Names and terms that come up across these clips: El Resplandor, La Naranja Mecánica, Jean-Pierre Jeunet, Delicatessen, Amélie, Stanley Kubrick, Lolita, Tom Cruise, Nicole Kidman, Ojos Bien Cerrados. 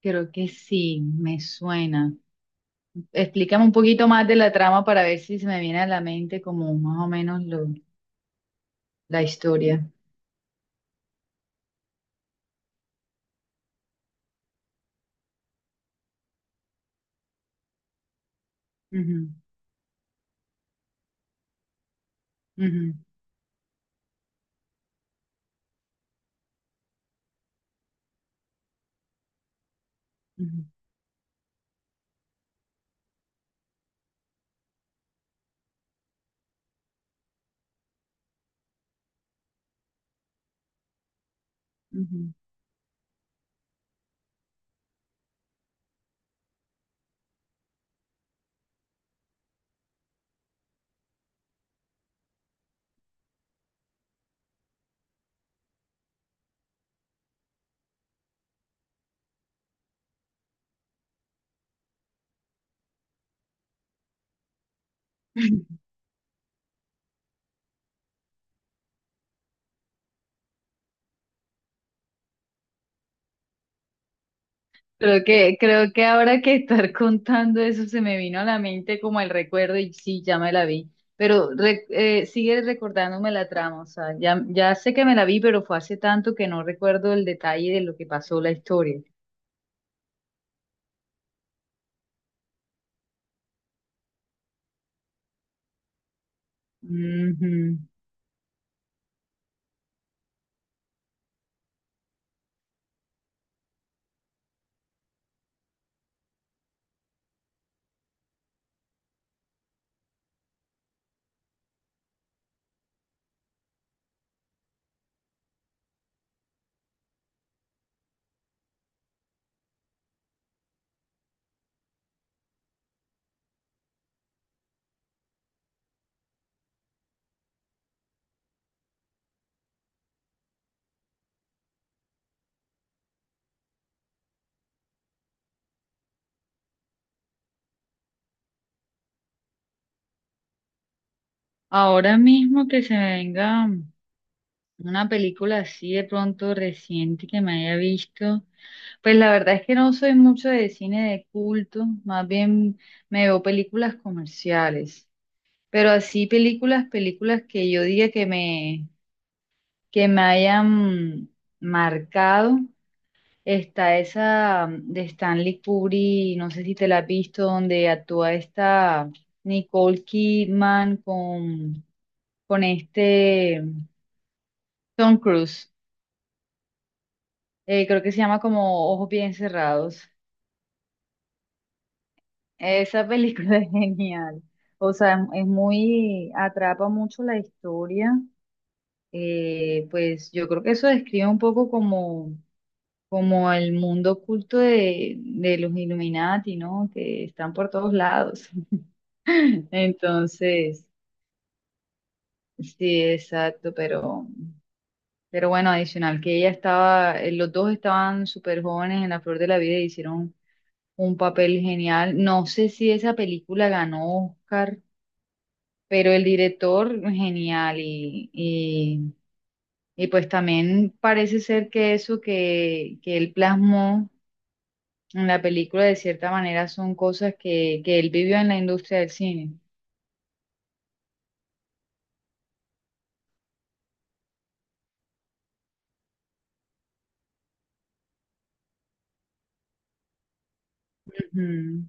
Creo que sí, me suena. Explícame un poquito más de la trama para ver si se me viene a la mente como más o menos la historia. Ujú, ujú, ujú, ujú. Creo que ahora que estar contando eso se me vino a la mente como el recuerdo y sí, ya me la vi. Pero sigue recordándome la trama, o sea, ya sé que me la vi, pero fue hace tanto que no recuerdo el detalle de lo que pasó la historia. Ujú. Ahora mismo que se me venga. Una película así de pronto reciente que me haya visto. Pues la verdad es que no soy mucho de cine de culto, más bien me veo películas comerciales, pero así películas que yo diga que me hayan marcado. Está esa de Stanley Kubrick, no sé si te la has visto, donde actúa esta Nicole Kidman con este Tom Cruise. Creo que se llama como Ojos Bien Cerrados. Esa película es genial. O sea, es muy, atrapa mucho la historia. Pues yo creo que eso describe un poco como el mundo oculto de los Illuminati, ¿no? Que están por todos lados. Entonces, sí, exacto, pero bueno, adicional que ella estaba, los dos estaban súper jóvenes en la flor de la vida y hicieron un papel genial. No sé si esa película ganó Oscar, pero el director genial y y pues también parece ser que eso que él plasmó en la película de cierta manera son cosas que él vivió en la industria del cine. Ujú,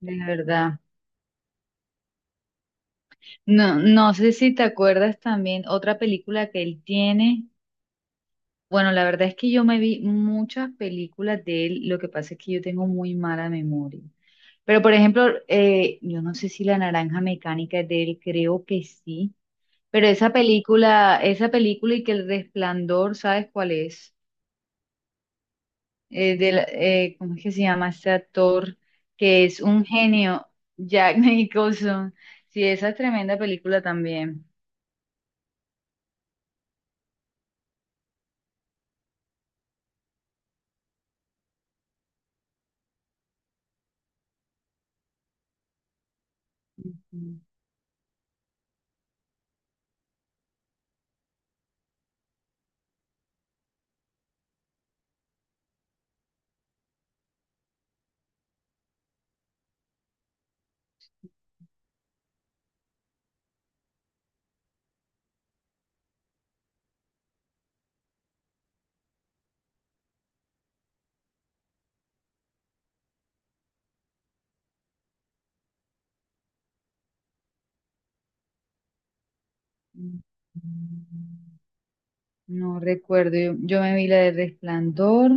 de verdad. No, no sé si te acuerdas también otra película que él tiene. Bueno, la verdad es que yo me vi muchas películas de él, lo que pasa es que yo tengo muy mala memoria. Pero, por ejemplo, yo no sé si La Naranja Mecánica es de él, creo que sí. Pero esa película y que El Resplandor, ¿sabes cuál es? ¿Cómo es que se llama este actor? Que es un genio, Jack Nicholson. Sí, esa es tremenda película también. Ujú. No recuerdo, yo me vi la de Resplandor,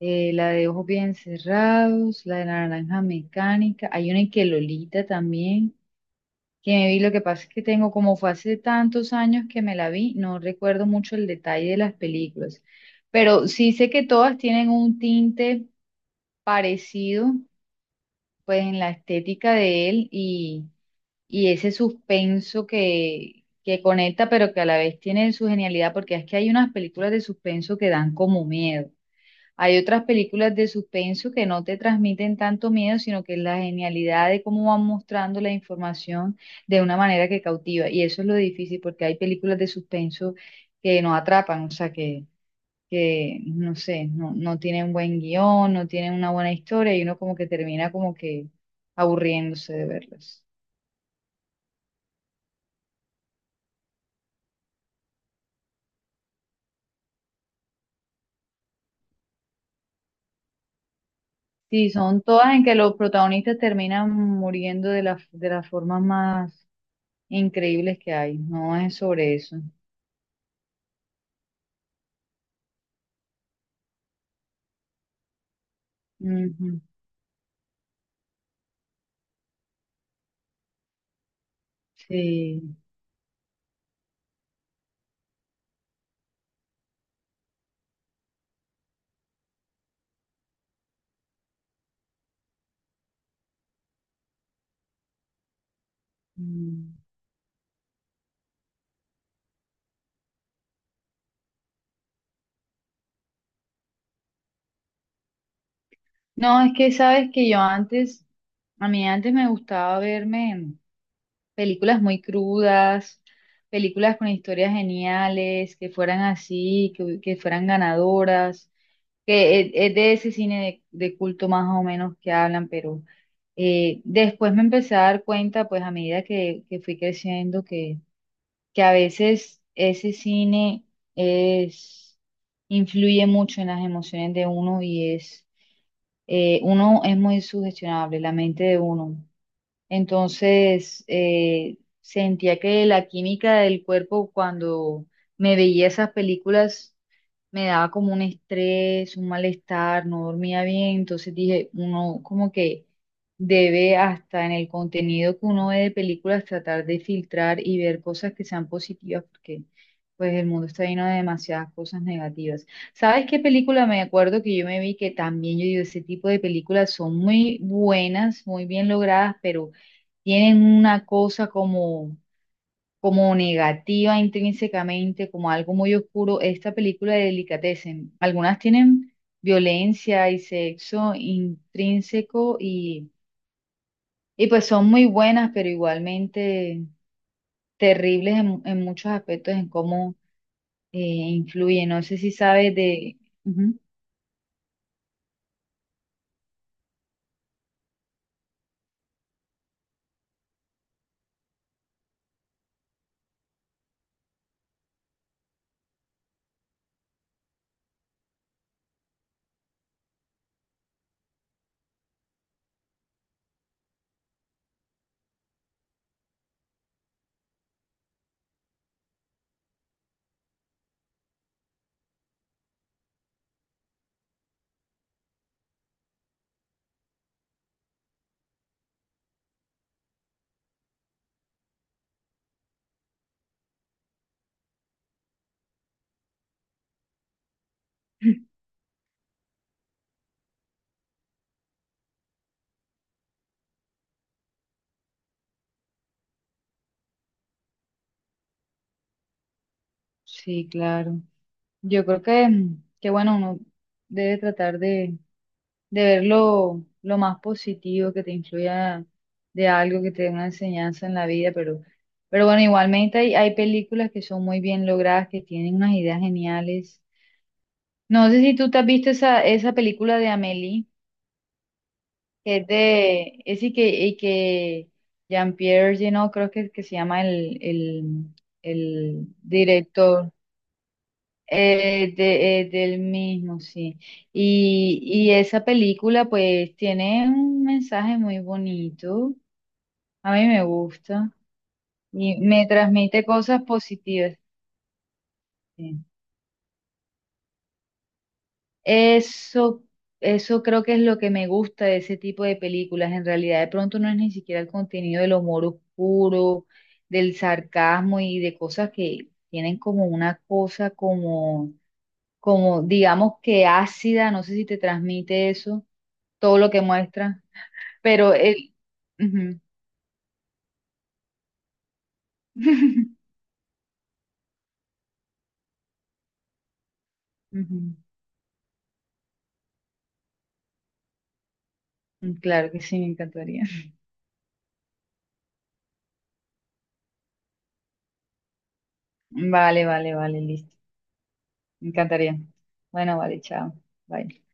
la de ojos bien cerrados, la de la naranja mecánica, hay una en que Lolita también, que me vi, lo que pasa es que tengo, como fue hace tantos años que me la vi, no recuerdo mucho el detalle de las películas, pero sí sé que todas tienen un tinte parecido, pues en la estética de él y ese suspenso que conecta, pero que a la vez tiene su genialidad, porque es que hay unas películas de suspenso que dan como miedo. Hay otras películas de suspenso que no te transmiten tanto miedo, sino que es la genialidad de cómo van mostrando la información de una manera que cautiva. Y eso es lo difícil, porque hay películas de suspenso que no atrapan, o sea, que no sé, no tienen buen guión, no tienen una buena historia y uno como que termina como que aburriéndose de verlas. Sí, son todas en que los protagonistas terminan muriendo de las formas más increíbles que hay, no es sobre eso. Ujú. Sí. Mm. No, es que sabes que yo antes, a mí antes me gustaba verme películas muy crudas, películas con historias geniales, que fueran así, que fueran ganadoras, es de ese cine de culto más o menos que hablan, pero después me empecé a dar cuenta, pues a medida que fui creciendo, que a veces ese cine es, influye mucho en las emociones de uno uno es muy sugestionable, la mente de uno. Entonces, sentía que la química del cuerpo cuando me veía esas películas me daba como un estrés, un malestar, no dormía bien. Entonces dije, uno como que debe hasta en el contenido que uno ve de películas tratar de filtrar y ver cosas que sean positivas porque pues el mundo está lleno de demasiadas cosas negativas. ¿Sabes qué película me acuerdo que yo me vi que también yo digo, ese tipo de películas son muy buenas, muy bien logradas, pero tienen una cosa como negativa intrínsecamente, como algo muy oscuro. Esta película de Delicatessen, algunas tienen violencia y sexo intrínseco y pues son muy buenas, pero igualmente terribles en muchos aspectos en cómo influye. No sé si sabes de... Ujú. Sí, claro. Yo creo que, mm, que bueno, uno debe tratar de ver lo más positivo que te influya de algo que te dé una enseñanza en la vida, pero bueno, igualmente hay películas que son muy bien logradas, que tienen unas ideas geniales. No sé si tú te has visto esa película de Amélie, que es de, es y que Jean-Pierre Jeunet, creo que se llama el director. Del mismo, sí. Y esa película pues tiene un mensaje muy bonito, a mí me gusta y me transmite cosas positivas. Sí. Eso, eso creo que es lo que me gusta de ese tipo de películas. En realidad, de pronto no es ni siquiera el contenido del humor oscuro, del sarcasmo y de cosas que tienen como una cosa como como digamos que ácida, no sé si te transmite eso, todo lo que muestra, pero el... Ujú. Ujú. Mm, claro que sí, me encantaría. Vale, vale, vale, listo. Me encantaría. Bueno, vale, chao. Bye.